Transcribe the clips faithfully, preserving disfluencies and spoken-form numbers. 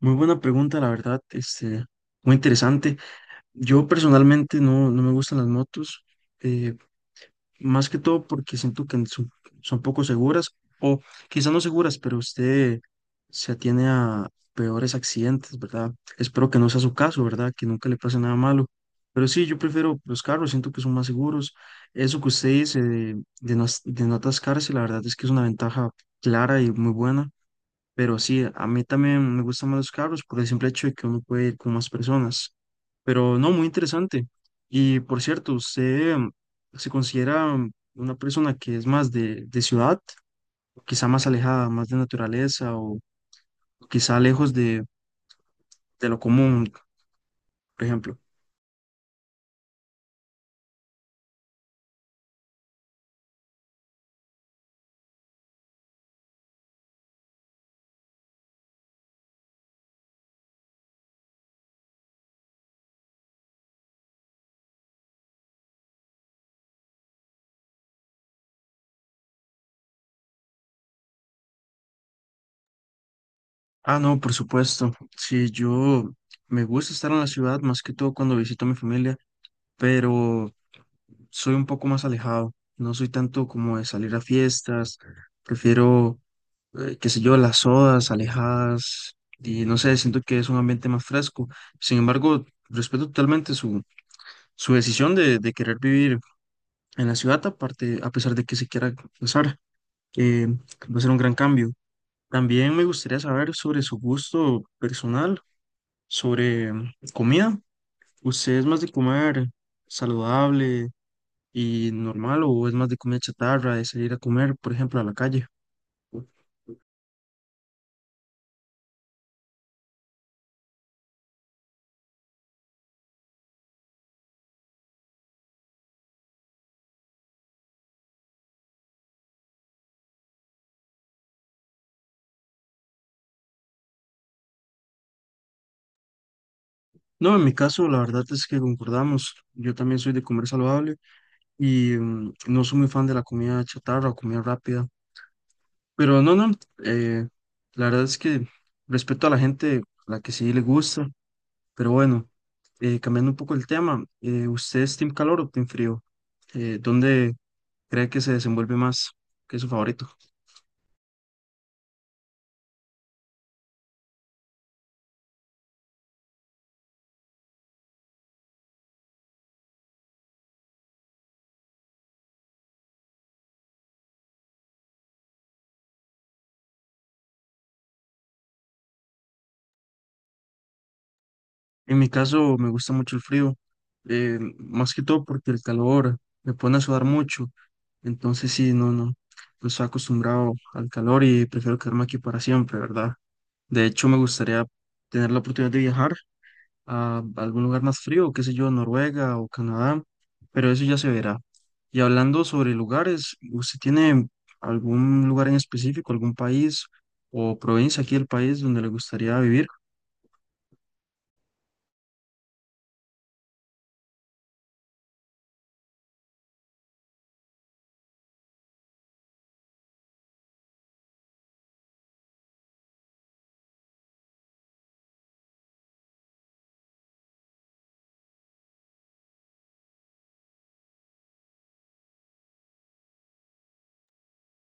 Muy buena pregunta, la verdad, este, muy interesante. Yo personalmente no, no me gustan las motos, eh, más que todo porque siento que son, son poco seguras, o quizás no seguras, pero usted se atiene a peores accidentes, ¿verdad? Espero que no sea su caso, ¿verdad? Que nunca le pase nada malo. Pero sí, yo prefiero los carros, siento que son más seguros. Eso que usted dice de, de no, as- de no atascarse, la verdad es que es una ventaja clara y muy buena. Pero sí, a mí también me gustan más los carros por el simple hecho de que uno puede ir con más personas. Pero no, muy interesante. Y por cierto, ¿usted mm, se considera mm, una persona que es más de, de ciudad, quizá más alejada, más de naturaleza o quizá lejos de, de lo común, por ejemplo? Ah, no, por supuesto. Sí, yo me gusta estar en la ciudad más que todo cuando visito a mi familia, pero soy un poco más alejado. No soy tanto como de salir a fiestas. Prefiero eh, qué sé yo, las sodas alejadas, y no sé, siento que es un ambiente más fresco. Sin embargo, respeto totalmente su, su decisión de, de querer vivir en la ciudad, aparte, a pesar de que se quiera casar, eh, va a ser un gran cambio. También me gustaría saber sobre su gusto personal, sobre mm, comida. ¿Usted es más de comer saludable y normal o es más de comida chatarra, de salir a comer, por ejemplo, a la calle? No, en mi caso, la verdad es que concordamos. Yo también soy de comer saludable y mm, no soy muy fan de la comida chatarra o comida rápida. Pero no, no, eh, la verdad es que respeto a la gente, a la que sí le gusta. Pero bueno, eh, cambiando un poco el tema, eh, ¿usted es team calor o team frío? Eh, ¿dónde cree que se desenvuelve más? ¿Qué es su favorito? En mi caso me gusta mucho el frío, eh, más que todo porque el calor me pone a sudar mucho, entonces sí, no, no, no estoy acostumbrado al calor y prefiero quedarme aquí para siempre, ¿verdad? De hecho, me gustaría tener la oportunidad de viajar a algún lugar más frío, qué sé yo, Noruega o Canadá, pero eso ya se verá. Y hablando sobre lugares, ¿usted tiene algún lugar en específico, algún país o provincia aquí del país donde le gustaría vivir?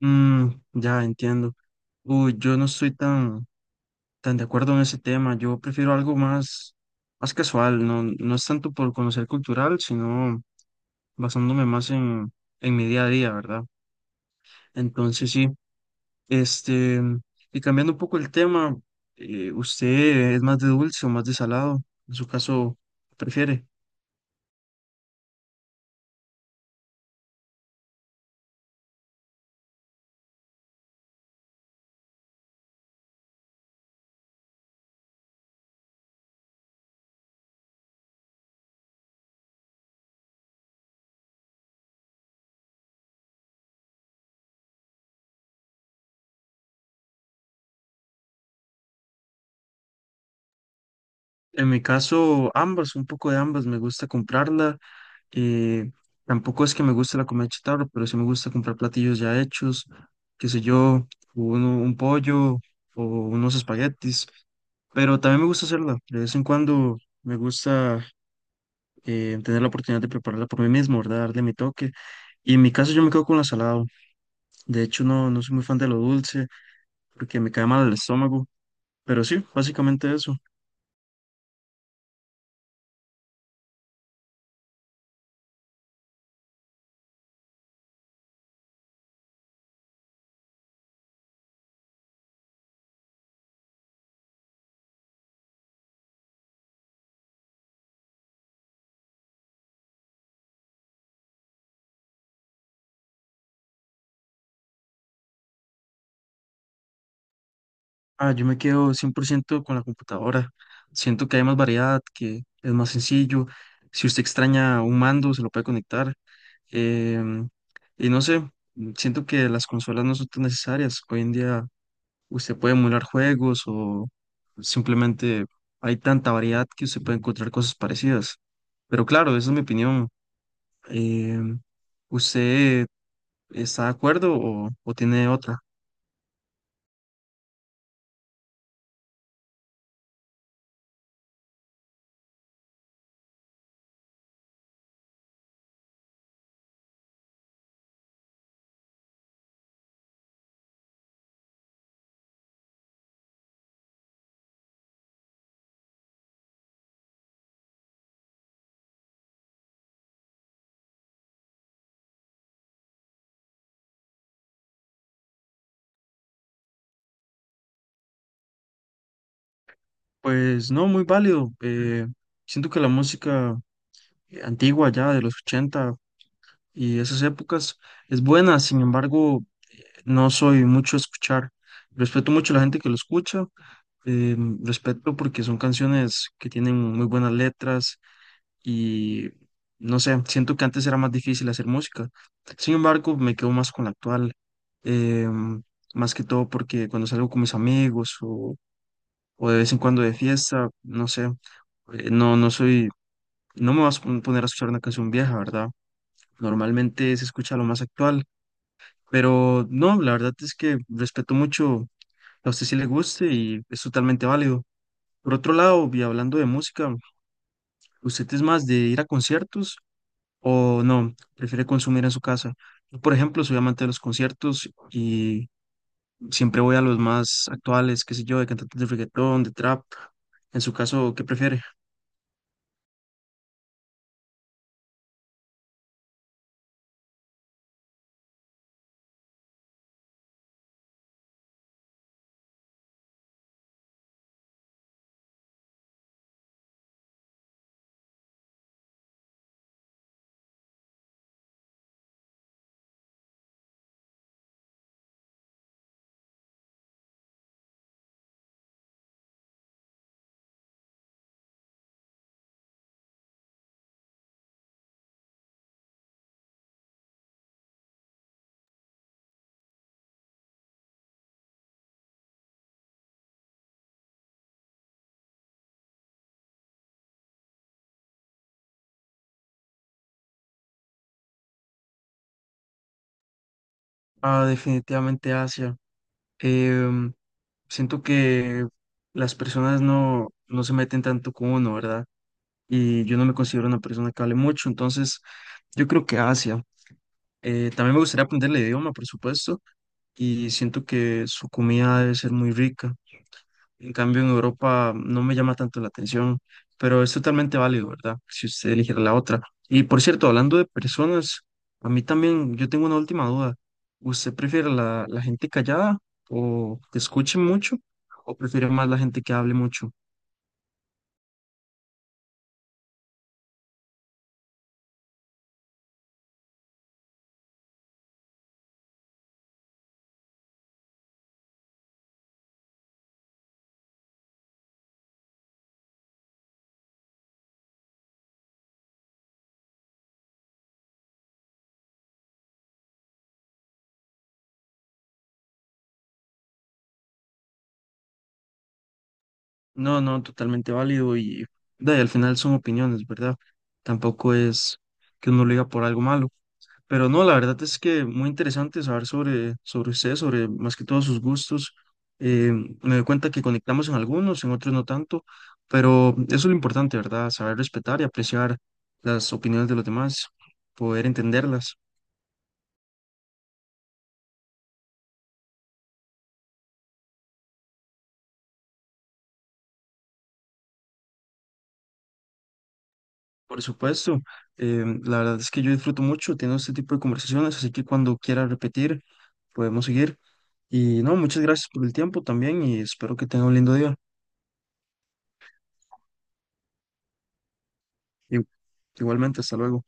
Mm, ya entiendo. Uy, yo no estoy tan, tan de acuerdo en ese tema. Yo prefiero algo más, más casual. No, no es tanto por conocer cultural, sino basándome más en, en mi día a día, ¿verdad? Entonces sí, este, y cambiando un poco el tema, eh, ¿usted es más de dulce o más de salado? En su caso, ¿prefiere? En mi caso, ambas, un poco de ambas. Me gusta comprarla. Eh, Tampoco es que me guste la comida chatarra, pero sí me gusta comprar platillos ya hechos, qué sé yo, uno, un pollo o unos espaguetis, pero también me gusta hacerla. De vez en cuando me gusta eh, tener la oportunidad de prepararla por mí mismo, ¿verdad? Darle mi toque. Y en mi caso yo me quedo con la salada. De hecho, no, no soy muy fan de lo dulce porque me cae mal el estómago, pero sí, básicamente eso. Ah, yo me quedo cien por ciento con la computadora. Siento que hay más variedad, que es más sencillo. Si usted extraña un mando, se lo puede conectar. Em, y no sé, siento que las consolas no son tan necesarias. Hoy en día usted puede emular juegos o simplemente hay tanta variedad que usted puede encontrar cosas parecidas. Pero claro, esa es mi opinión. Em, ¿usted está de acuerdo o, o tiene otra? Pues no, muy válido. Eh, siento que la música eh, antigua ya de los ochenta y esas épocas es buena, sin embargo, no soy mucho a escuchar. Respeto mucho a la gente que lo escucha, eh, respeto porque son canciones que tienen muy buenas letras y no sé, siento que antes era más difícil hacer música. Sin embargo, me quedo más con la actual, eh, más que todo porque cuando salgo con mis amigos o, o de vez en cuando de fiesta, no sé, eh, no, no soy, no me vas a pon- poner a escuchar una canción vieja, ¿verdad? Normalmente se escucha lo más actual, pero no, la verdad es que respeto mucho a usted si le guste y es totalmente válido. Por otro lado, y hablando de música, ¿usted es más de ir a conciertos o no? ¿Prefiere consumir en su casa? Yo, por ejemplo, soy amante de los conciertos y siempre voy a los más actuales, qué sé yo, de cantantes de reggaetón, de trap. En su caso, ¿qué prefiere? Ah, definitivamente Asia. Em, Siento que las personas no, no se meten tanto con uno, ¿verdad? Y yo no me considero una persona que hable mucho, entonces yo creo que Asia. Eh, también me gustaría aprender el idioma, por supuesto, y siento que su comida debe ser muy rica. En cambio, en Europa no me llama tanto la atención, pero es totalmente válido, ¿verdad? Si usted eligiera la otra. Y por cierto, hablando de personas, a mí también yo tengo una última duda. ¿Usted prefiere la, la gente callada o que escuche mucho o prefiere más la gente que hable mucho? No, no, totalmente válido y, da, y al final son opiniones, ¿verdad? Tampoco es que uno lo diga por algo malo. Pero no, la verdad es que muy interesante saber sobre, sobre usted, sobre más que todos sus gustos. Eh, Me doy cuenta que conectamos en algunos, en otros no tanto, pero eso es lo importante, ¿verdad? Saber respetar y apreciar las opiniones de los demás, poder entenderlas. Por supuesto, em, la verdad es que yo disfruto mucho teniendo este tipo de conversaciones, así que cuando quiera repetir, podemos seguir. Y no, muchas gracias por el tiempo también y espero que tenga un lindo día. Y- Igualmente, hasta luego.